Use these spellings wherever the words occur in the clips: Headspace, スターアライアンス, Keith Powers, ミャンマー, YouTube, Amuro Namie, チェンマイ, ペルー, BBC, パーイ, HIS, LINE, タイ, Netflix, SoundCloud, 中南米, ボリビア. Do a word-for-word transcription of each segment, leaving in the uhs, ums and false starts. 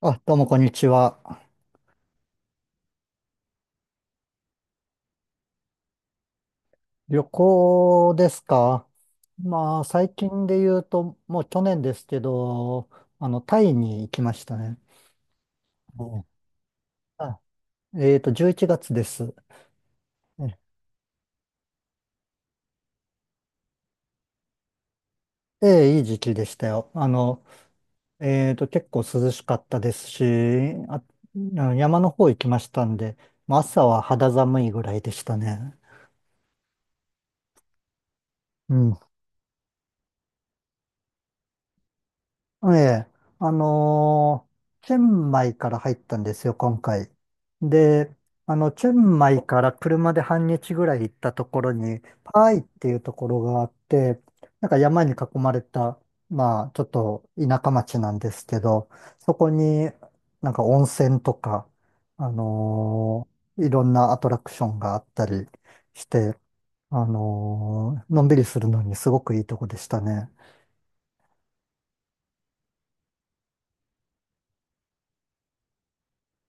あ、どうもこんにちは。旅行ですか？まあ、最近で言うと、もう去年ですけど、あの、タイに行きましたね。おうあ、えっと、じゅういちがつです。ええ、ええ、いい時期でしたよ。あの、えっと、結構涼しかったですし、あ、あの山の方行きましたんで、まあ朝は肌寒いぐらいでしたね。うん。ええ、あのーチェンマイから入ったんですよ、今回。で、あの、チェンマイから車で半日ぐらい行ったところに、パーイっていうところがあって、なんか山に囲まれた、まあ、ちょっと田舎町なんですけど、そこになんか温泉とか、あのーいろんなアトラクションがあったりして、あのーのんびりするのにすごくいいとこでしたね。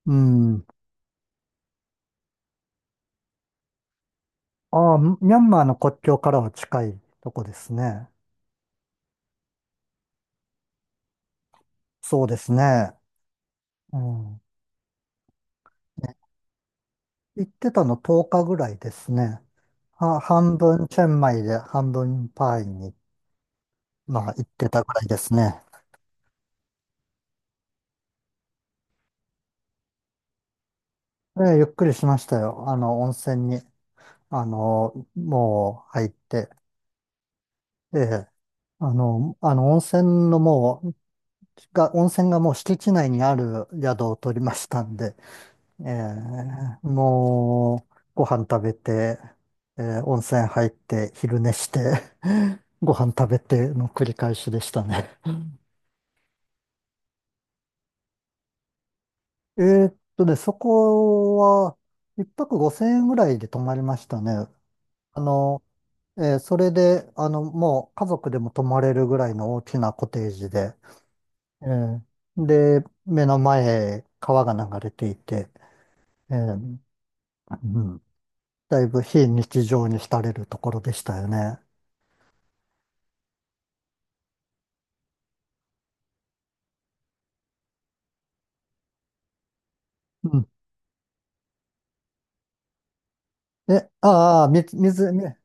うん。ああ、ミャンマーの国境からは近いとこですね。そうですね。うん。ね、行ってたのとおかぐらいですね。は、半分チェンマイで半分パーイに、まあ、行ってたぐらいですね。で、ゆっくりしましたよ。あの、温泉に、あの、もう入って、ええ、あの、あの、温泉のもう、が、温泉がもう敷地内にある宿を取りましたんで、ええ、もう、ご飯食べて、ええ、温泉入って、昼寝して、ご飯食べての繰り返しでしたね。えーっとね、そこは、一泊五千円ぐらいで泊まりましたね。あの、えーそれで、あの、もう家族でも泊まれるぐらいの大きなコテージで、えーで、目の前、川が流れていて、えーうん、だいぶ非日常に浸れるところでしたよね。うえ、ああ、水、水、ね、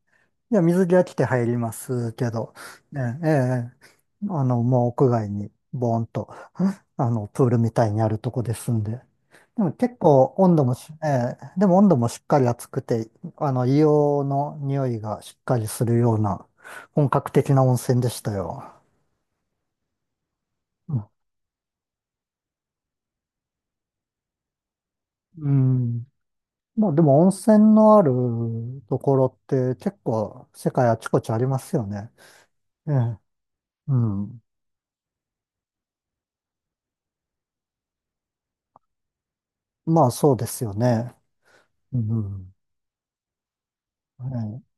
いや、水着は着て入りますけど、ね、ええ、あの、もう屋外に、ボーンと、あの、プールみたいにあるとこですんで。でも結構温度もし、ええ、でも温度もしっかり暑くて、あの、硫黄の匂いがしっかりするような、本格的な温泉でしたよ。うん。うん、まあでも温泉のあるところって結構世界あちこちありますよね。ええ。うん。まあそうですよね。うん。は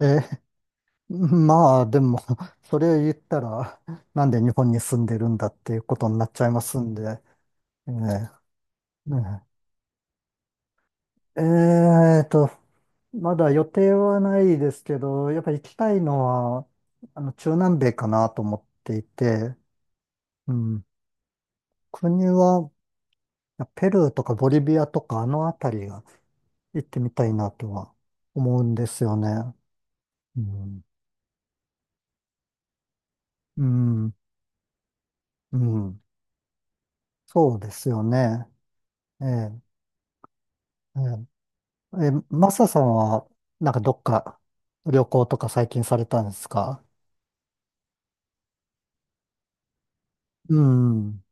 い、え、まあでも、それ言ったら、なんで日本に住んでるんだっていうことになっちゃいますんで。ええ、ね、ええーと、まだ予定はないですけど、やっぱ行きたいのは、あの、中南米かなと思っていて、うん。国は、ペルーとかボリビアとかあの辺りが行ってみたいなとは思うんですよね。うん。うん。うん。そうですよね。ええ、ええ、え、マサさんは、なんかどっか旅行とか最近されたんですか？うん。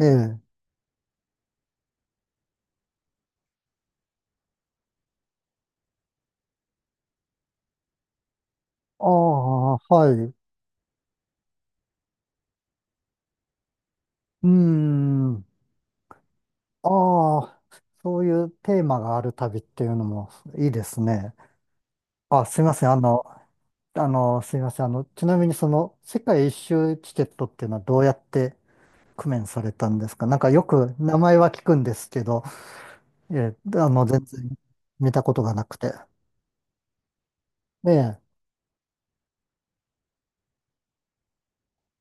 ええ。ああ、はい。うん。ああ、そういうテーマがある旅っていうのもいいですね。あ、すいません。あの、あの、すいません。あの、ちなみにその世界一周チケットっていうのはどうやって工面されたんですか？なんかよく名前は聞くんですけど、ええ、あの、全然見たことがなくて。ええ、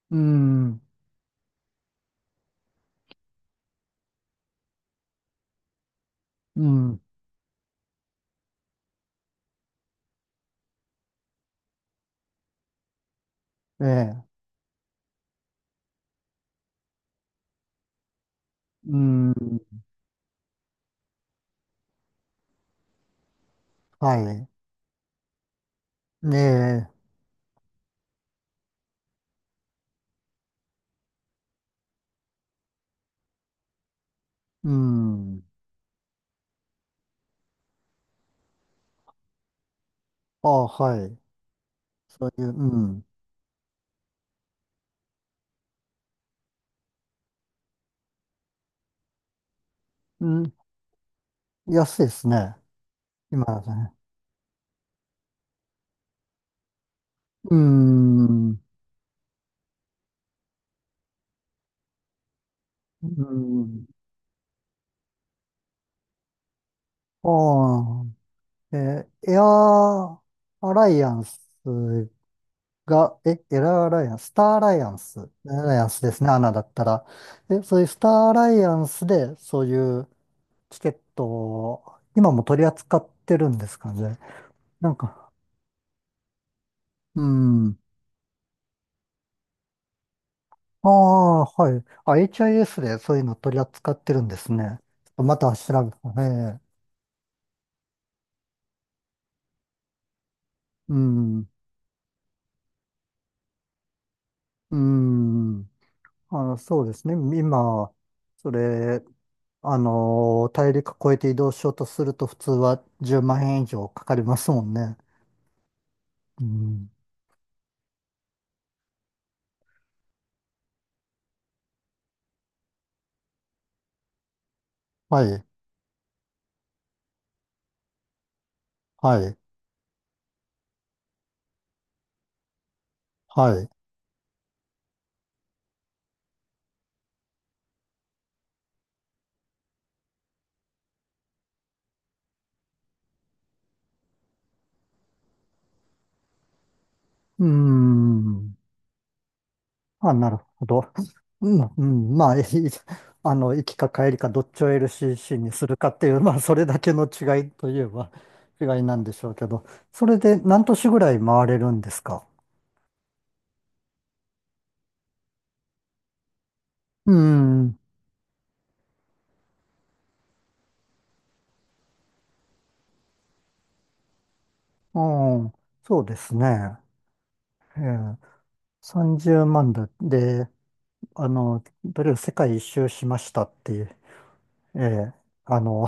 うん、うん、ええ、うん、はい、ねえ、うん、ああ、はい、そういう、うん、うん、安いですね、今だとね。うん、うん、ああ、ええ、エアアライアンスが、え、エアアライアンス、スターアライアンス、エアアライアンスですね、アナだったら。え、そういうスターアライアンスで、そういうチケットを、今も取り扱ってるんですかね？なんか、うん。ああ、はい。あ、エイチアイエス でそういうの取り扱ってるんですね。ちょっとまた調べて、ええ。うん。うん。あ、そうですね。今、それ、あのー大陸越えて移動しようとすると普通はじゅうまん円以上かかりますもんね。うん。はい。はい。はい。うん。あ、なるほど。うん、うん、まあ、いい、あの、行きか帰りかどっちを エルシーシー にするかっていう、まあ、それだけの違いといえば違いなんでしょうけど、それで何都市ぐらい回れるんですか？うん、うん、そうですね。ええ、さんじゅうまんだ。で、あの、とりあえず世界一周しましたっていう、ええ、あの、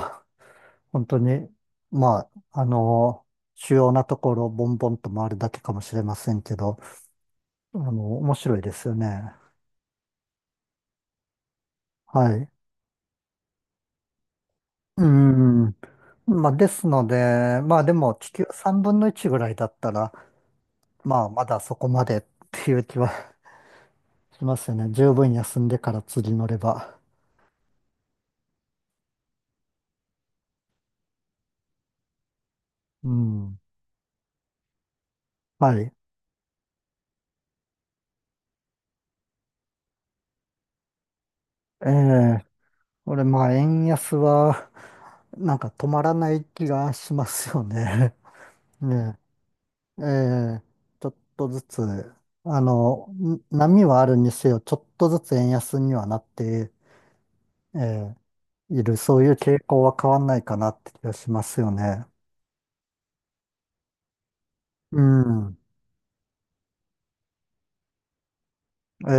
本当に、まあ、あの、主要なところをボンボンと回るだけかもしれませんけど、あの、面白いですよね。はい。うん。まあ、ですので、まあでも地球さんぶんのいちぐらいだったら、まあまだそこまでっていう気は しますよね。十分休んでから釣り乗れば。うん。はい。ええ、これまあ円安は、なんか止まらない気がしますよね。ねえ、ええ、ちょっとずつ、あの、ん波はあるにせよ、ちょっとずつ円安にはなって、ええ、いる、そういう傾向は変わんないかなって気がしますよね。うん。え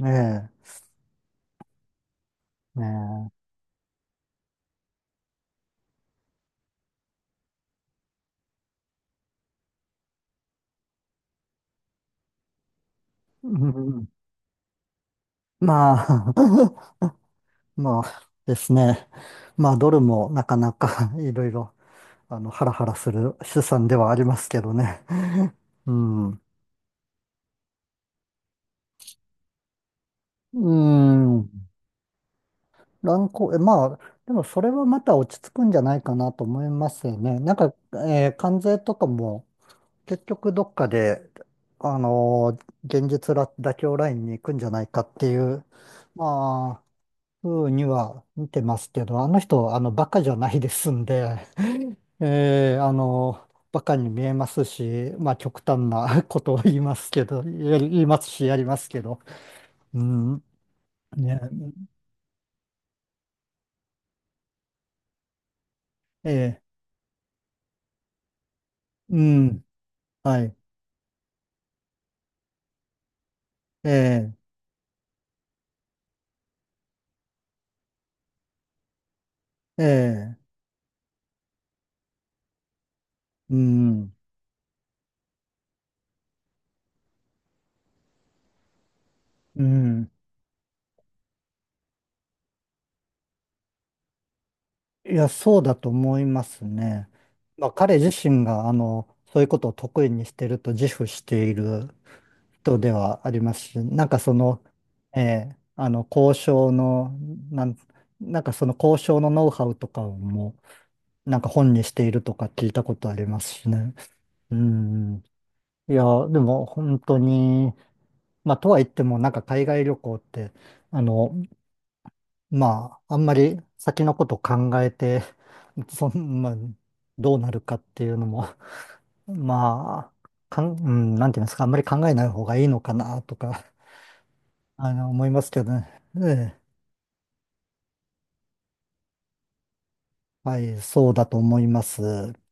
え、ねえ、ねえ。うん、まあ、まあですね。まあ、ドルもなかなか いろいろ、あの、ハラハラする資産ではありますけどね。うん。うん。乱高、え、まあ、でもそれはまた落ち着くんじゃないかなと思いますよね。なんか、えー関税とかも、結局どっかで、あのー現実ら妥協ラインに行くんじゃないかっていう、まあ、ふうには見てますけど、あの人、あの、バカじゃないですんで、えーあのーバカに見えますし、まあ、極端なことを言いますけど、やり言いますし、やりますけど、うん、ね、えーうん、はい、えーえーうん、うん。いや、そうだと思いますね。まあ、彼自身が、あの、そういうことを得意にしてると自負している人ではありますし、なんかその、ええ、あの、交渉の、なん、なんかその交渉のノウハウとかをもう、なんか本にしているとか聞いたことありますしね。うん。いや、でも本当に、まあ、とは言っても、なんか海外旅行って、あの、まあ、あんまり先のこと考えて、そん、まあ、どうなるかっていうのも、まあ、かん、うん、なんていうんですか？あんまり考えない方がいいのかなとか、あの、思いますけどね。ええ、はい、そうだと思います。